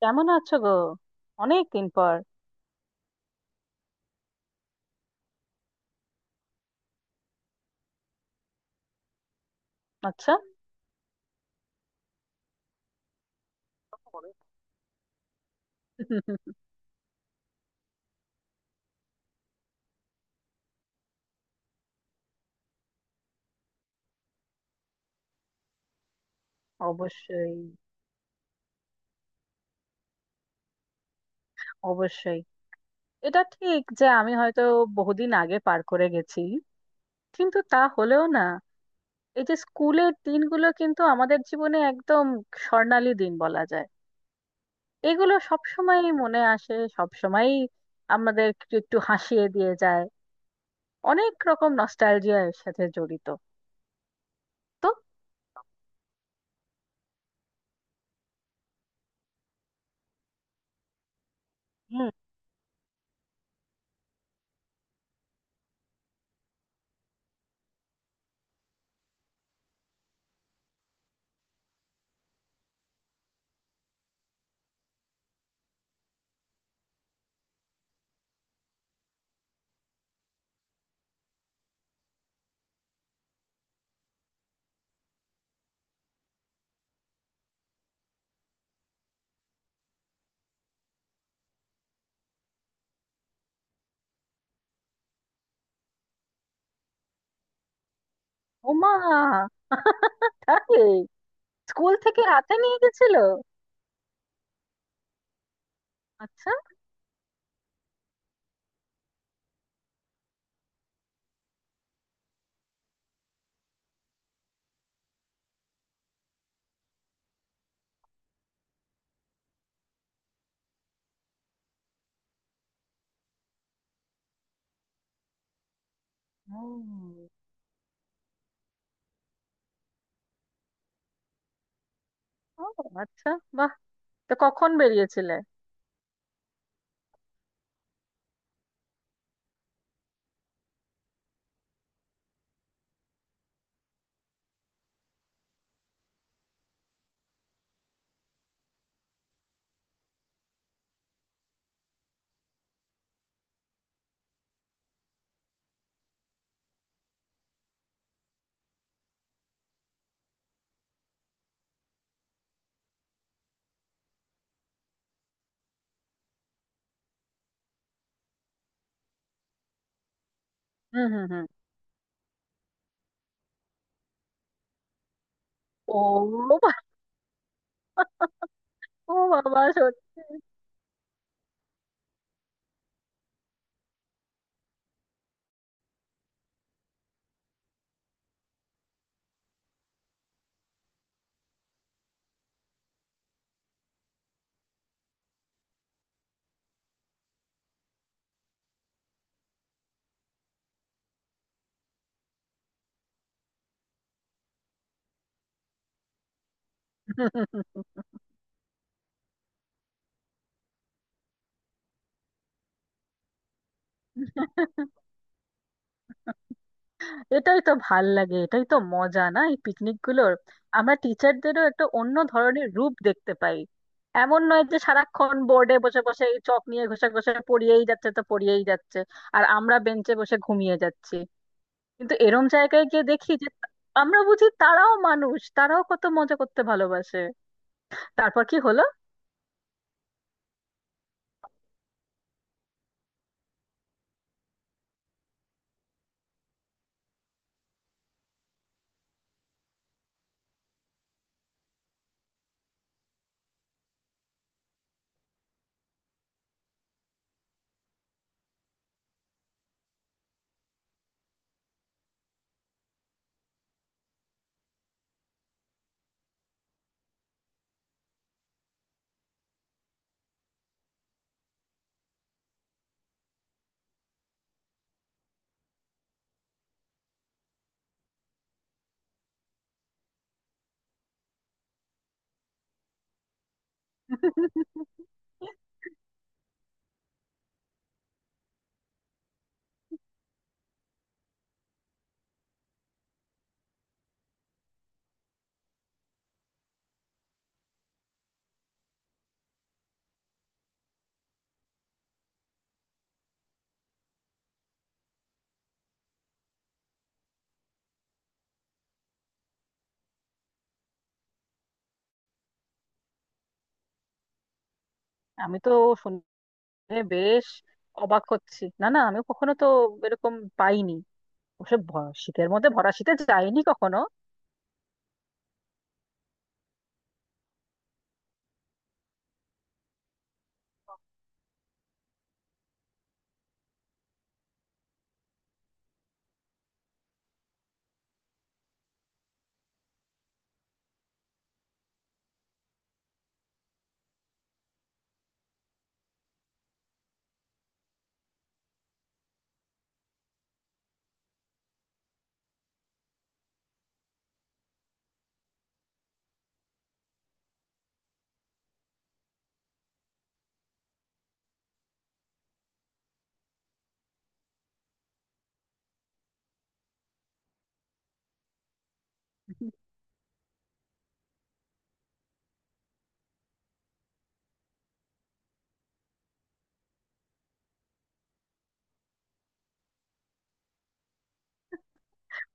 কেমন আছো গো? অনেক দিন পর। আচ্ছা। অবশ্যই, অবশ্যই। এটা ঠিক যে আমি হয়তো বহুদিন আগে পার করে গেছি, কিন্তু তা হলেও না, এই যে স্কুলের দিনগুলো কিন্তু আমাদের জীবনে একদম স্বর্ণালী দিন বলা যায়। এগুলো সব সময় মনে আসে, সব সময় আমাদের একটু একটু হাসিয়ে দিয়ে যায়। অনেক রকম নস্টালজিয়ার সাথে জড়িত। তো হুম। ওমা, তাই? স্কুল থেকে হাতে নিয়ে গেছিল? আচ্ছা। ও। ও, আচ্ছা। বাহ! তো কখন বেরিয়েছিলে? হুম হুম হুম। ও, বা- ও বাবা, সত্যি? এটাই তো ভাল লাগে, এটাই তো মজা না এই পিকনিক গুলোর। আমরা টিচারদেরও একটা অন্য ধরনের রূপ দেখতে পাই। এমন নয় যে সারাক্ষণ বোর্ডে বসে বসে এই চক নিয়ে ঘষে ঘষে পড়িয়েই যাচ্ছে তো পড়িয়েই যাচ্ছে, আর আমরা বেঞ্চে বসে ঘুমিয়ে যাচ্ছি। কিন্তু এরম জায়গায় গিয়ে দেখি যে আমরা বুঝি তারাও মানুষ, তারাও কত মজা করতে ভালোবাসে। তারপর কি হলো? আমি তো শুনে বেশ অবাক হচ্ছি। না না, আমি কখনো তো এরকম পাইনি। শীতের মধ্যে, ভরা শীতে যাইনি কখনো।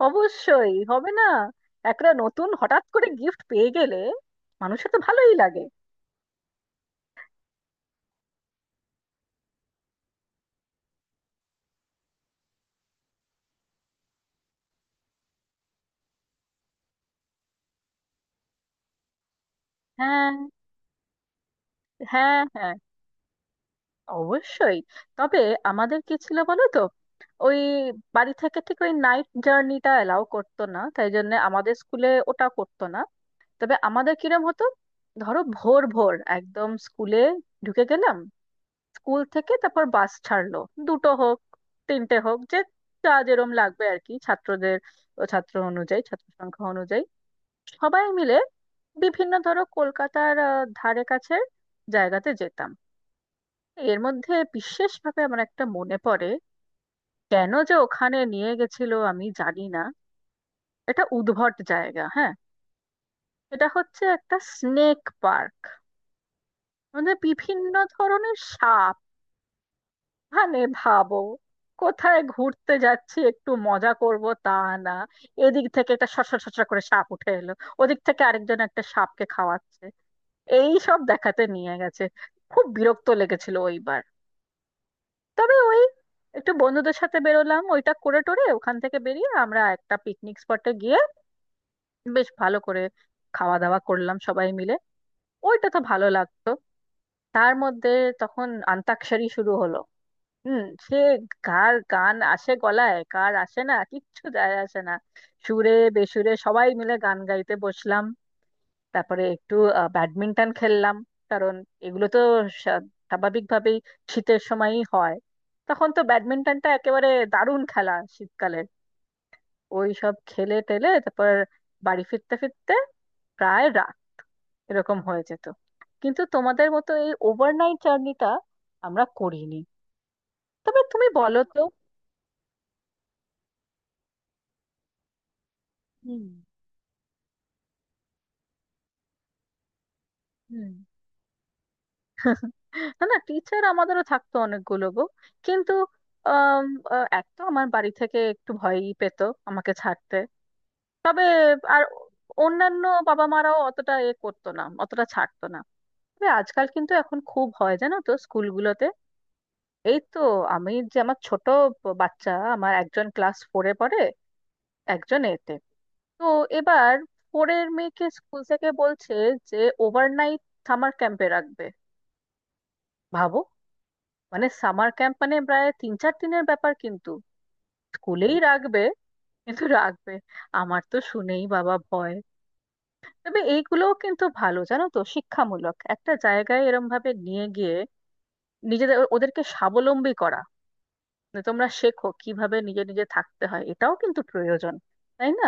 অবশ্যই হবে না। একটা নতুন হঠাৎ করে গিফট পেয়ে গেলে মানুষের তো ভালোই লাগে। হ্যাঁ হ্যাঁ, হ্যাঁ অবশ্যই। তবে আমাদের কি ছিল বলো তো, ওই বাড়ি থেকে ঠিক ওই নাইট জার্নিটা এলাও করতো না, তাই জন্য আমাদের স্কুলে ওটা করতো না। তবে আমাদের কিরম হতো, ধরো ভোর ভোর একদম স্কুলে ঢুকে গেলাম, স্কুল থেকে তারপর বাস ছাড়লো। দুটো হোক, তিনটে হোক, যে যা যেরম লাগবে আর কি, ছাত্রদের, ও ছাত্র অনুযায়ী, ছাত্র সংখ্যা অনুযায়ী। সবাই মিলে বিভিন্ন ধরো কলকাতার ধারে কাছে জায়গাতে যেতাম। এর মধ্যে বিশেষভাবে আমার একটা মনে পড়ে, কেন যে ওখানে নিয়ে গেছিল আমি জানি না। এটা উদ্ভট জায়গা, হ্যাঁ। এটা হচ্ছে একটা স্নেক পার্ক। মানে বিভিন্ন ধরনের সাপ। মানে ভাবো, কোথায় ঘুরতে যাচ্ছি একটু মজা করব, তা না, এদিক থেকে একটা সরসর সরসর করে সাপ উঠে এলো, ওদিক থেকে আরেকজন একটা সাপকে খাওয়াচ্ছে, এই সব দেখাতে নিয়ে গেছে। খুব বিরক্ত লেগেছিল ওইবার। তবে ওই একটু বন্ধুদের সাথে বেরোলাম, ওইটা করে টোরে ওখান থেকে বেরিয়ে আমরা একটা পিকনিক স্পটে গিয়ে বেশ ভালো করে খাওয়া দাওয়া করলাম সবাই মিলে। ওইটা তো ভালো লাগতো। তার মধ্যে তখন অন্তাক্ষরী শুরু হলো। হুম। সে কার গান আসে গলায়, কার আসে না, কিচ্ছু যায় আসে না, সুরে বেসুরে সবাই মিলে গান গাইতে বসলাম। তারপরে একটু ব্যাডমিন্টন খেললাম। কারণ এগুলো তো স্বা- স্বাভাবিকভাবেই শীতের সময়ই হয়। তখন তো ব্যাডমিন্টনটা একেবারে দারুণ খেলা শীতকালের। ওই সব খেলে টেলে তারপর বাড়ি ফিরতে ফিরতে প্রায় রাত এরকম হয়ে যেত। কিন্তু তোমাদের মতো এই ওভারনাইট জার্নিটা আমরা করিনি। তবে তুমি বলো তো। হুম হুম। না না, টিচার আমাদেরও থাকতো অনেকগুলো গো, কিন্তু আম, এক তো আমার বাড়ি থেকে একটু ভয়ই পেত আমাকে ছাড়তে। তবে আর অন্যান্য বাবা মারাও অতটা এ করতো না, অতটা ছাড়তো না। তবে আজকাল কিন্তু এখন খুব হয় জানো তো স্কুলগুলোতে। এই তো আমি, যে আমার ছোট বাচ্চা, আমার একজন ক্লাস ফোরে পড়ে, একজন এতে, তো এবার ফোরের মেয়েকে স্কুল থেকে বলছে যে ওভারনাইট সামার ক্যাম্পে রাখবে। ভাবো! মানে সামার ক্যাম্প মানে প্রায় 3 4 দিনের ব্যাপার, কিন্তু স্কুলেই রাখবে, কিন্তু রাখবে। আমার তো শুনেই বাবা ভয়। তবে এইগুলোও কিন্তু ভালো জানো তো, শিক্ষামূলক একটা জায়গায় এরম ভাবে নিয়ে গিয়ে নিজেদের ওদেরকে স্বাবলম্বী করা, যে তোমরা শেখো কিভাবে নিজে নিজে থাকতে হয়, এটাও কিন্তু প্রয়োজন, তাই না?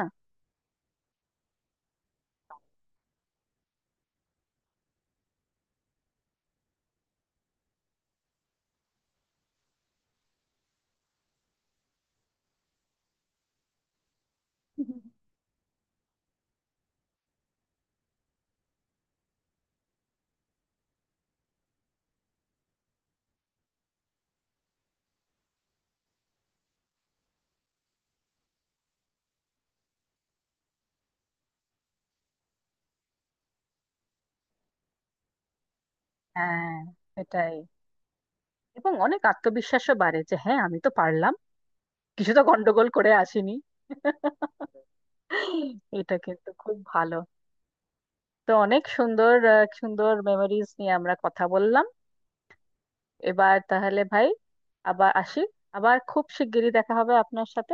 হ্যাঁ। এটাই, এবং অনেক আত্মবিশ্বাসও বাড়ে যে হ্যাঁ আমি তো পারলাম, কিছু তো গন্ডগোল করে আসিনি। এটা কিন্তু খুব ভালো। তো অনেক সুন্দর সুন্দর মেমোরিজ নিয়ে আমরা কথা বললাম। এবার তাহলে ভাই আবার আসি, আবার খুব শিগগিরই দেখা হবে আপনার সাথে।